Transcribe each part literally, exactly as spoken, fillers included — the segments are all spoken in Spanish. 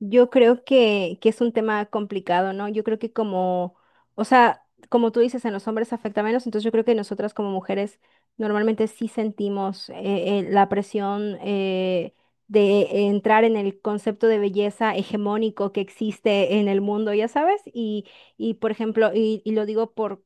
Yo creo que, que es un tema complicado, ¿no? Yo creo que como, o sea, como tú dices, en los hombres afecta menos, entonces yo creo que nosotras como mujeres normalmente sí sentimos eh, eh, la presión eh, de entrar en el concepto de belleza hegemónico que existe en el mundo, ya sabes, y, y por ejemplo, y, y lo digo por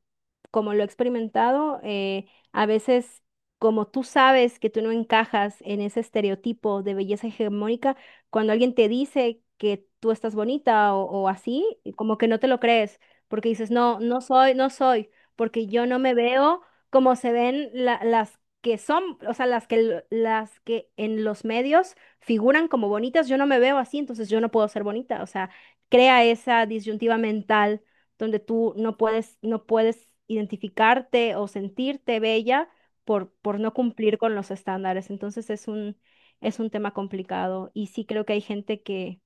como lo he experimentado, eh, a veces. Como tú sabes que tú no encajas en ese estereotipo de belleza hegemónica, cuando alguien te dice que tú estás bonita o, o así, y como que no te lo crees, porque dices, no, no soy, no soy, porque yo no me veo como se ven la- las que son, o sea, las que, l- las que en los medios figuran como bonitas, yo no me veo así, entonces yo no puedo ser bonita, o sea, crea esa disyuntiva mental donde tú no puedes, no puedes identificarte o sentirte bella por, por no cumplir con los estándares. Entonces es un, es un tema complicado y sí creo que hay gente que,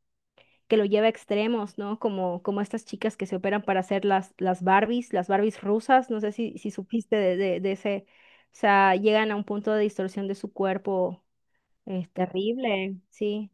que lo lleva a extremos, ¿no? Como, como estas chicas que se operan para hacer las, las Barbies, las Barbies rusas, no sé si, si supiste de, de, de ese, o sea, llegan a un punto de distorsión de su cuerpo, es terrible, sí.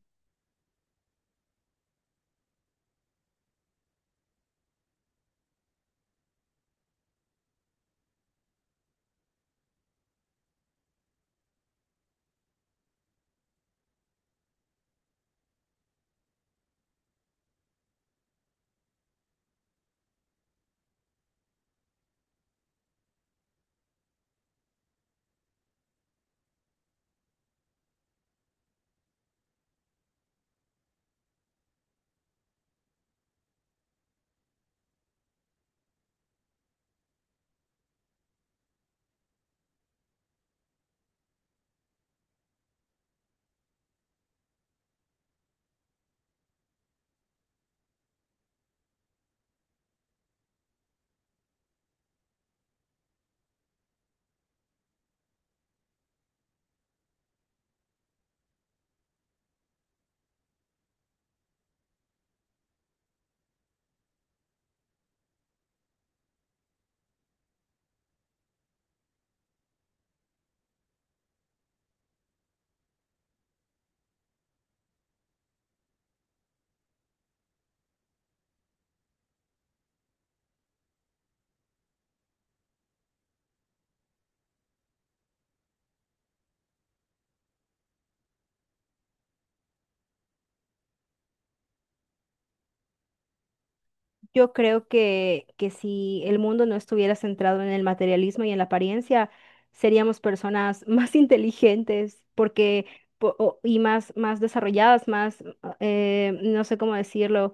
Yo creo que, que si el mundo no estuviera centrado en el materialismo y en la apariencia, seríamos personas más inteligentes, porque po- o- y más, más desarrolladas, más, eh, no sé cómo decirlo,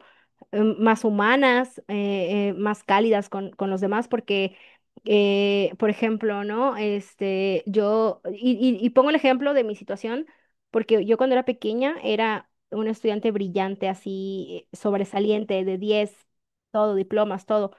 em, más humanas, eh, eh, más cálidas con, con los demás, porque, eh, por ejemplo, ¿no? Este, yo, y, y y pongo el ejemplo de mi situación, porque yo cuando era pequeña era un estudiante brillante, así eh, sobresaliente, de diez todo, diplomas, todo.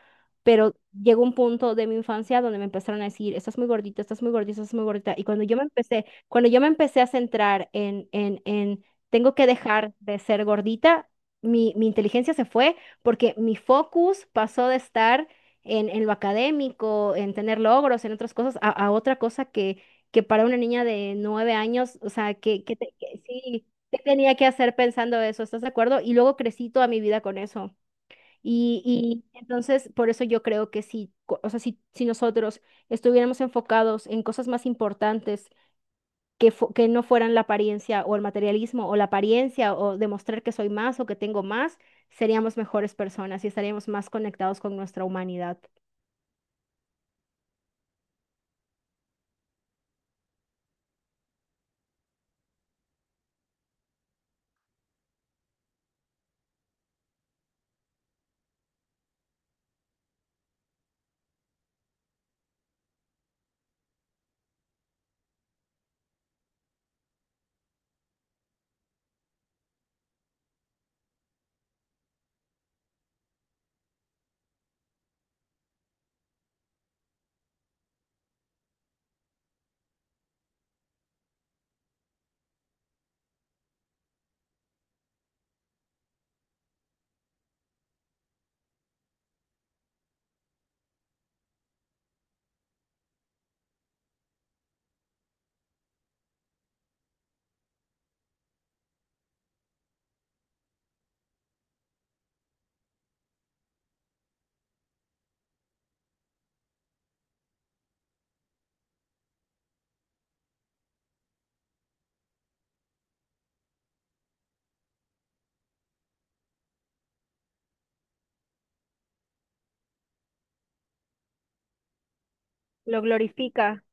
Pero llegó un punto de mi infancia donde me empezaron a decir, estás muy gordita, estás muy gordita, estás muy gordita. Y cuando yo me empecé, cuando yo me empecé a centrar en, en, en, tengo que dejar de ser gordita, mi, mi inteligencia se fue porque mi focus pasó de estar en, en lo académico, en tener logros, en otras cosas, a, a otra cosa que, que para una niña de nueve años, o sea, que, que, te- que sí, ¿qué tenía que hacer pensando eso? ¿Estás de acuerdo? Y luego crecí toda mi vida con eso. Y, y entonces, por eso yo creo que si, co- o sea, si, si nosotros estuviéramos enfocados en cosas más importantes que, fu- que no fueran la apariencia o el materialismo o la apariencia o demostrar que soy más o que tengo más, seríamos mejores personas y estaríamos más conectados con nuestra humanidad. Lo glorifica.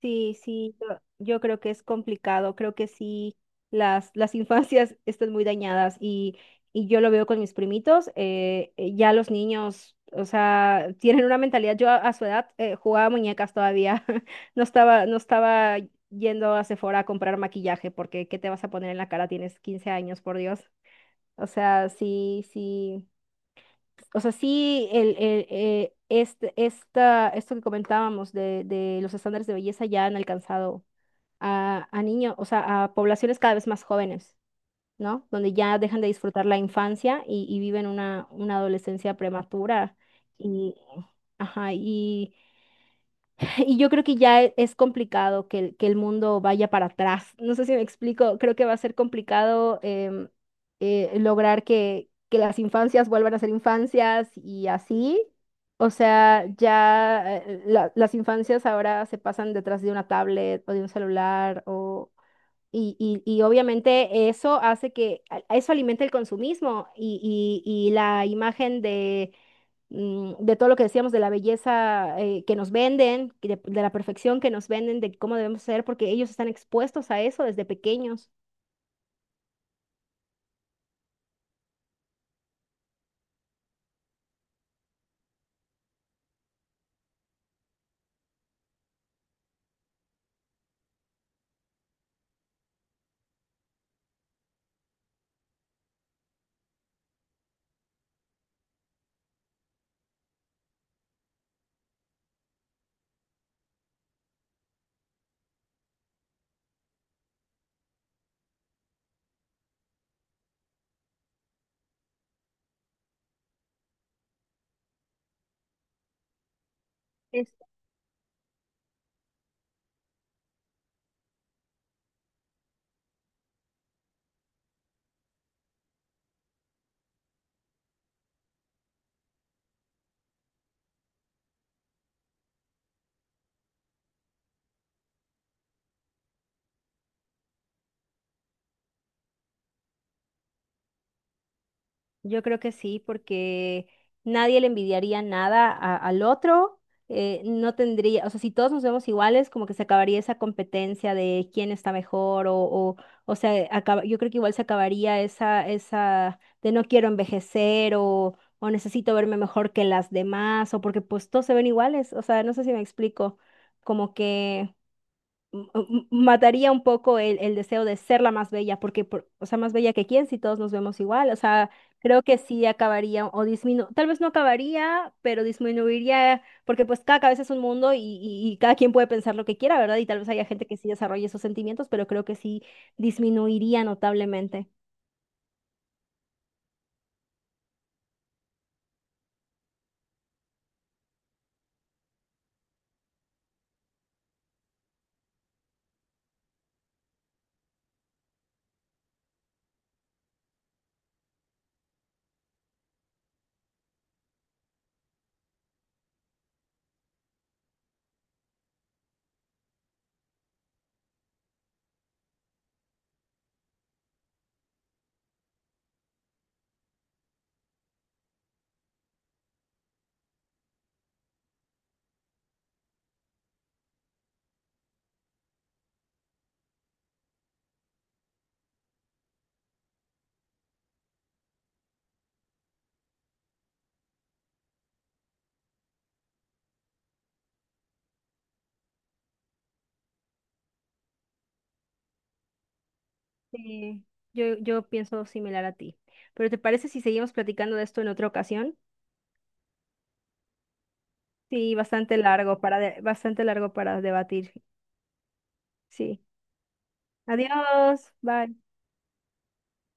Sí, sí, yo, yo creo que es complicado, creo que sí, las, las infancias están muy dañadas y, y yo lo veo con mis primitos, eh, eh, ya los niños, o sea, tienen una mentalidad, yo a, a su edad eh, jugaba muñecas todavía, no estaba, no estaba yendo a Sephora a comprar maquillaje porque ¿qué te vas a poner en la cara? Tienes quince años, por Dios. O sea, sí, sí, o sea, sí, el, el, eh, este, esta, esto que comentábamos de, de los estándares de belleza ya han alcanzado a, a niños, o sea, a poblaciones cada vez más jóvenes, ¿no? Donde ya dejan de disfrutar la infancia y, y viven una, una adolescencia prematura. Y, ajá, y, y yo creo que ya e- es complicado que, el- que el mundo vaya para atrás. No sé si me explico, creo que va a ser complicado em, eh, lograr que, que las infancias vuelvan a ser infancias y así. O sea, ya eh, la- las infancias ahora se pasan detrás de una tablet o de un celular o, y, y, y obviamente eso hace que, a- eso alimenta el consumismo y, y- y la imagen de, mm, de todo lo que decíamos, de la belleza eh, que nos venden, que de, de la perfección que nos venden, de cómo debemos ser, porque ellos están expuestos a eso desde pequeños. Yo creo que sí, porque nadie le envidiaría nada a- al otro. Eh, no tendría, o sea, si todos nos vemos iguales, como que se acabaría esa competencia de quién está mejor o, o, o sea, acaba- yo creo que igual se acabaría esa, esa de no quiero envejecer o, o necesito verme mejor que las demás o porque pues todos se ven iguales. O sea, no sé si me explico, como que m- m- mataría un poco el, el deseo de ser la más bella, porque, por- o sea, más bella que quién si todos nos vemos igual, o sea, creo que sí acabaría o disminuiría, tal vez no acabaría, pero disminuiría, porque pues cada cabeza es un mundo y, y- y cada quien puede pensar lo que quiera, ¿verdad? Y tal vez haya gente que sí desarrolle esos sentimientos, pero creo que sí disminuiría notablemente. Sí, yo, yo pienso similar a ti. Pero ¿te parece si seguimos platicando de esto en otra ocasión? Sí, bastante largo para de- bastante largo para debatir. Sí. Adiós, bye.